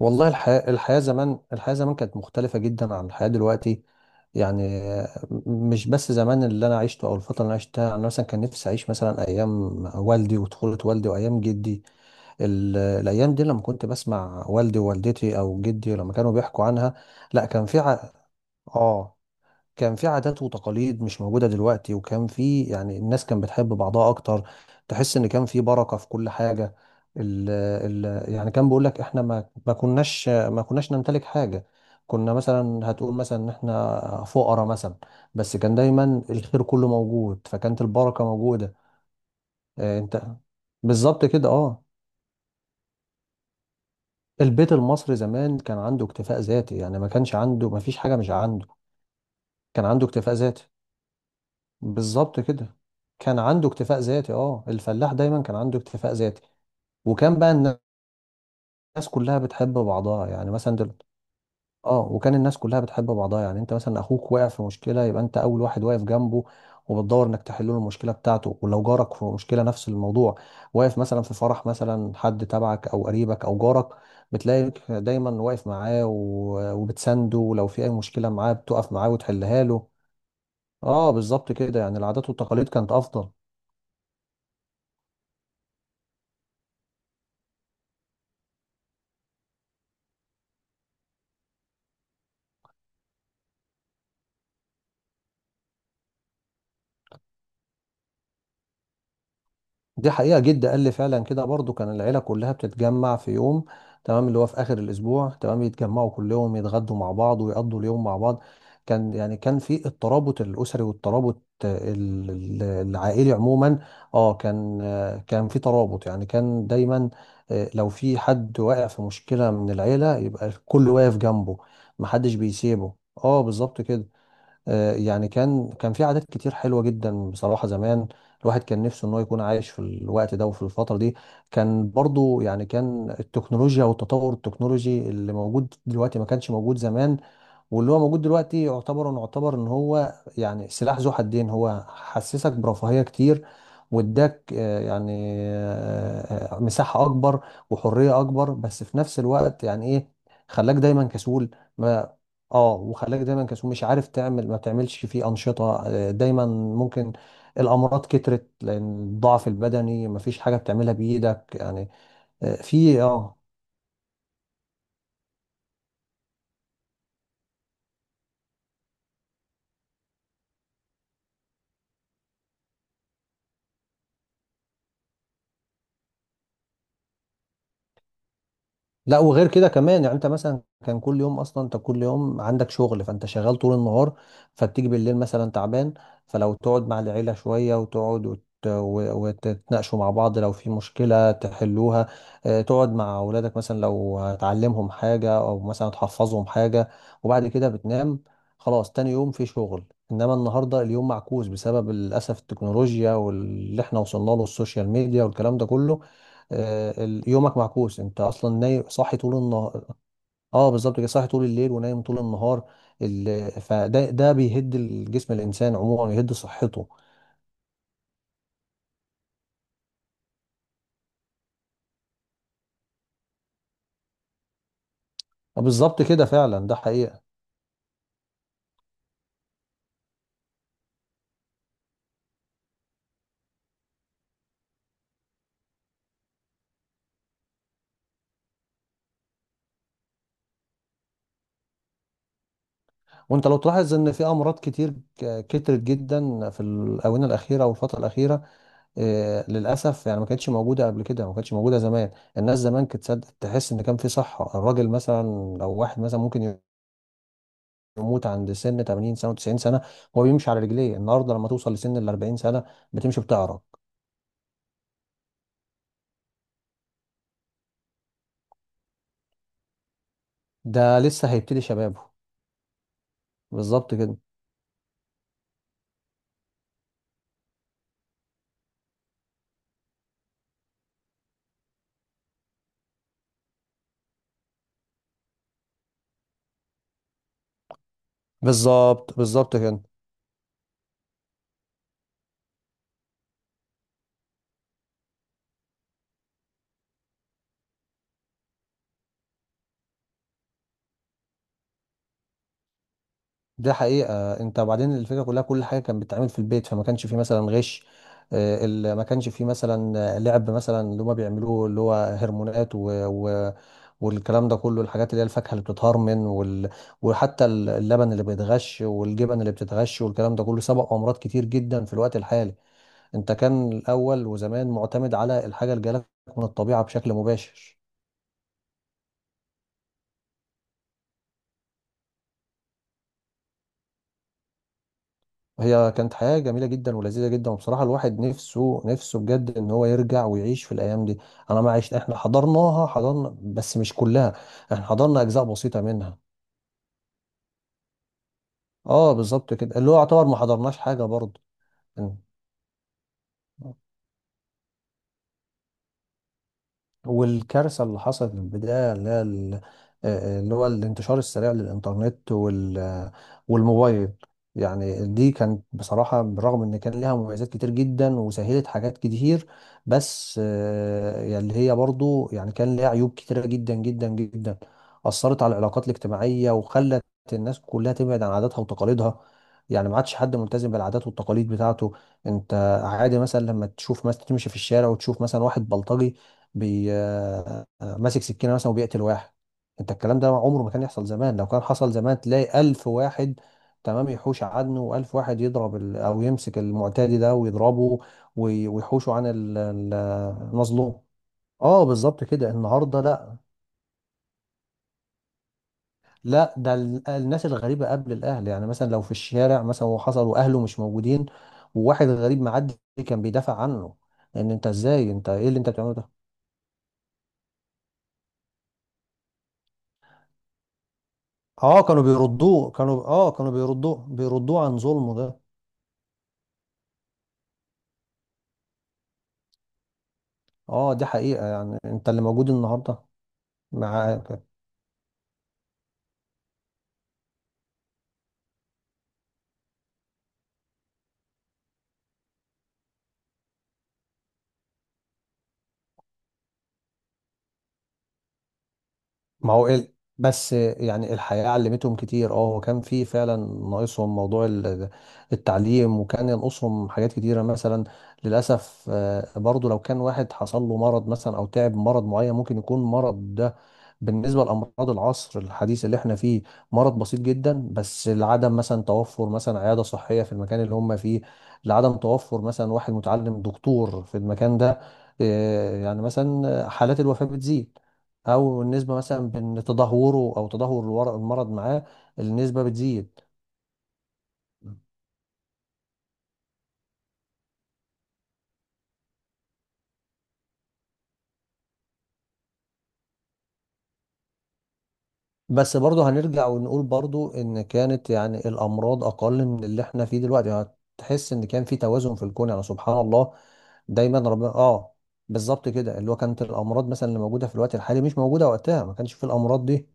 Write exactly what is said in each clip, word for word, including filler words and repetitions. والله الحياة الحياة زمان الحياة زمان كانت مختلفة جدا عن الحياة دلوقتي. يعني مش بس زمان اللي أنا عشته أو الفترة اللي أنا عشتها. أنا مثلا كان نفسي أعيش مثلا أيام والدي وطفولة والدي وأيام جدي. ال- الأيام دي لما كنت بسمع والدي ووالدتي أو جدي لما كانوا بيحكوا عنها. لا، كان في ع... آه كان في عادات وتقاليد مش موجودة دلوقتي. وكان في يعني الناس كانت بتحب بعضها أكتر. تحس إن كان في بركة في كل حاجة. ال ال يعني كان بيقول لك إحنا ما ما كناش ما كناش نمتلك حاجة. كنا مثلا هتقول مثلا إن إحنا فقراء مثلا، بس كان دايما الخير كله موجود، فكانت البركة موجودة. آه، أنت بالظبط كده، أه. البيت المصري زمان كان عنده اكتفاء ذاتي، يعني ما كانش عنده، ما فيش حاجة مش عنده. كان عنده اكتفاء ذاتي، بالظبط كده. كان عنده اكتفاء ذاتي، اه، الفلاح دايما كان عنده اكتفاء ذاتي. وكان بقى الناس كلها بتحب بعضها، يعني مثلا دل... اه وكان الناس كلها بتحب بعضها. يعني انت مثلا اخوك وقع في مشكله، يبقى انت اول واحد واقف جنبه وبتدور انك تحل له المشكله بتاعته. ولو جارك في مشكله نفس الموضوع، واقف مثلا في فرح مثلا حد تبعك او قريبك او جارك، بتلاقيك دايما واقف معاه و... وبتسنده. ولو في اي مشكله معاه بتقف معاه وتحلها له. اه بالظبط كده، يعني العادات والتقاليد كانت افضل. دي حقيقة، جد قال لي فعلا كده برضو. كان العيلة كلها بتتجمع في يوم، تمام، اللي هو في آخر الأسبوع، تمام، يتجمعوا كلهم، يتغدوا مع بعض ويقضوا اليوم مع بعض. كان يعني كان في الترابط الأسري والترابط ال- ال- العائلي عموما. اه كان، آه، كان في ترابط، يعني كان دايما. آه، لو في حد واقع في مشكلة من العيلة، يبقى الكل واقف جنبه، محدش بيسيبه. اه بالظبط كده. آه، يعني كان كان في عادات كتير حلوة جدا بصراحة زمان. الواحد كان نفسه ان هو يكون عايش في الوقت ده وفي الفترة دي. كان برضو، يعني كان التكنولوجيا والتطور التكنولوجي اللي موجود دلوقتي ما كانش موجود زمان. واللي هو موجود دلوقتي يعتبر نعتبر ان هو يعني سلاح ذو حدين. هو حسسك برفاهية كتير، واداك آه، يعني آه، آه، مساحة اكبر وحرية اكبر، بس في نفس الوقت يعني ايه، خلاك دايما كسول. ما اه وخلاك دايما كسول، مش عارف تعمل، ما بتعملش فيه انشطة. آه، دايما ممكن الامراض كترت، لان الضعف البدني مفيش حاجة بتعملها بايدك يعني. آه، في اه لا، وغير كده كمان، يعني انت مثلا كان كل يوم اصلا، انت كل يوم عندك شغل، فانت شغال طول النهار. فتيجي بالليل مثلا تعبان، فلو تقعد مع العيلة شوية وتقعد وت... و- وتتناقشوا مع بعض، لو في مشكلة تحلوها. اه، تقعد مع اولادك مثلا، لو تعلمهم حاجة او مثلا تحفظهم حاجة، وبعد كده بتنام. خلاص تاني يوم في شغل. انما النهارده اليوم معكوس، بسبب للاسف التكنولوجيا واللي احنا وصلنا له، السوشيال ميديا والكلام ده كله. آه، ال- يومك معكوس. انت اصلا نايم، صاحي طول النهار. اه بالظبط كده، صاحي طول الليل ونايم طول النهار. ال... فده ده بيهد الجسم، الانسان عموما يهد صحته. آه، بالظبط كده، فعلا ده حقيقة. وانت لو تلاحظ ان في امراض كتير ك- كترت جدا في الاونه الاخيره او الفتره الاخيره. آه، للاسف يعني ما كانتش موجوده قبل كده، ما كانتش موجوده زمان. الناس زمان كانت تصدق- تحس ان كان في صحه. الراجل مثلا، او واحد مثلا، ممكن يموت عند سن ثمانين سنه و90 سنه، هو بيمشي على رجليه. النهارده لما توصل لسن ال أربعين سنه بتمشي بتعرج. ده لسه هيبتدي شبابه، بالظبط كده. بالظبط، بالظبط كده. ده حقيقه، انت وبعدين الفكره كلها، كل حاجه كانت بتتعمل في البيت، فما كانش فيه مثلا غش. آه، ال- ما كانش فيه مثلا لعب مثلا، اللي هما بيعملوه، اللي هو هرمونات و... و... والكلام ده كله، الحاجات اللي هي الفاكهه اللي بتتهرمن وال... وحتى اللبن اللي بيتغش، والجبن اللي بتتغش، والكلام ده كله سبق امراض كتير جدا في الوقت الحالي. انت كان الاول وزمان معتمد على الحاجه اللي جالك من الطبيعه بشكل مباشر. وهي كانت حياه جميله جدا ولذيذه جدا، وبصراحه الواحد نفسه، نفسه بجد ان هو يرجع ويعيش في الايام دي. انا ما عشت احنا حضرناها، حضرنا بس مش كلها، احنا حضرنا اجزاء بسيطه منها. اه بالظبط كده، اللي هو يعتبر ما حضرناش حاجه برضه. والكارثة اللي حصلت من البداية اللي هي ال- آه، آه، اللي هو الانتشار السريع للإنترنت وال- والموبايل. يعني دي كانت بصراحة، بالرغم إن كان ليها مميزات كتير جدا وسهلت حاجات كتير، بس آه، يعني اللي هي برضو يعني كان ليها عيوب كتيرة جدا جدا جدا. أثرت على العلاقات الاجتماعية، وخلت الناس كلها تبعد عن عاداتها وتقاليدها، يعني ما عادش حد ملتزم بالعادات والتقاليد بتاعته. انت عادي مثلا لما تشوف مثلا، تمشي في الشارع وتشوف مثلا واحد بلطجي بي آه، آه، ماسك سكينه مثلا وبيقتل واحد. انت الكلام ده عمره ما كان يحصل زمان. لو كان حصل زمان تلاقي ألف واحد، تمام، يحوش عنه، و1000 واحد يضرب ال... او يمسك المعتدي ده ويضربه، وي- ويحوشه عن ال- ال- المظلوم. اه بالظبط كده، النهارده لا. لا، ده ال- الناس الغريبه قبل الاهل، يعني مثلا لو في الشارع مثلا وحصل واهله مش موجودين، وواحد غريب معدي كان بيدافع عنه، ان انت ازاي، انت ايه اللي انت بتعمله ده. اه، كانوا بيردوه كانوا اه كانوا بيردوه بيردوه عن ظلمه ده. اه دي حقيقة، يعني انت اللي موجود النهارده، معاك. ما هو ال... بس يعني الحياة علمتهم كتير. اه هو كان في فعلا، ناقصهم موضوع ال- التعليم، وكان ينقصهم حاجات كتيرة مثلا. للأسف آه، برضو لو كان واحد حصل له مرض مثلا، أو تعب من مرض معين، ممكن يكون مرض ده بالنسبة لأمراض العصر الحديث اللي احنا فيه مرض بسيط جدا، بس لعدم مثلا توفر مثلا عيادة صحية في المكان اللي هم فيه، لعدم توفر مثلا واحد متعلم دكتور في المكان ده. آه، يعني مثلا حالات الوفاة بتزيد، او النسبه مثلا بين تدهوره او تدهور الور- المرض معاه، النسبه بتزيد. بس برضه هنرجع ونقول برضه ان كانت يعني الامراض اقل من اللي احنا فيه دلوقتي. يعني هتحس ان كان في توازن في الكون، يعني سبحان الله، دايما ربنا، اه بالظبط كده. اللي هو كانت الامراض مثلا اللي موجوده في الوقت الحالي مش موجوده وقتها، ما كانش في الامراض دي، ما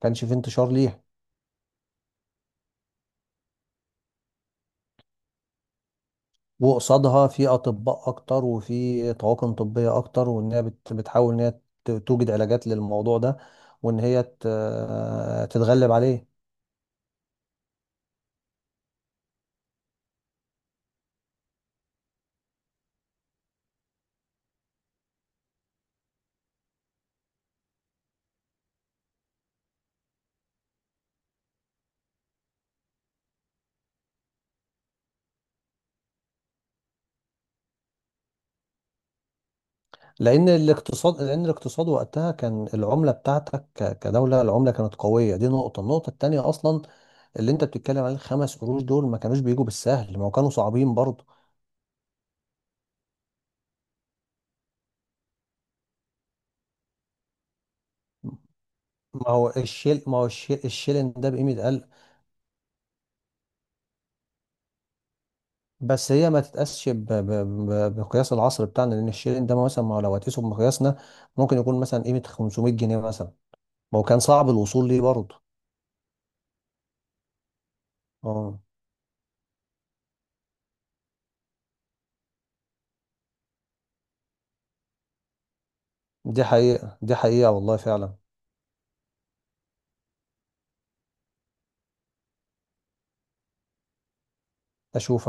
كانش في انتشار ليها. وقصادها في اطباء اكتر وفي طواقم طبيه اكتر، وان هي بت- بتحاول ان هي ت- توجد علاجات للموضوع ده، وان هي ت- تتغلب عليه. لان الاقتصاد لان الاقتصاد وقتها كان العمله بتاعتك ك- كدوله، العمله كانت قويه. دي نقطه. النقطه التانيه اصلا اللي انت بتتكلم عليه، الخمس قروش دول ما كانوش بيجوا بالسهل، ما هو كانوا صعبين برضه. ما هو الشيل ما هو الشيل الشيلن ده بقيمه، بس هي ما تتقاسش ب- ب- ب- بمقياس العصر بتاعنا. لان الشيرين ده مثلا، ما هو لو هتقيسه بمقياسنا ممكن يكون مثلا قيمة خمسمية جنيه مثلا، ما هو كان صعب الوصول ليه برضه. اه دي حقيقة، دي حقيقة والله فعلا. اشوف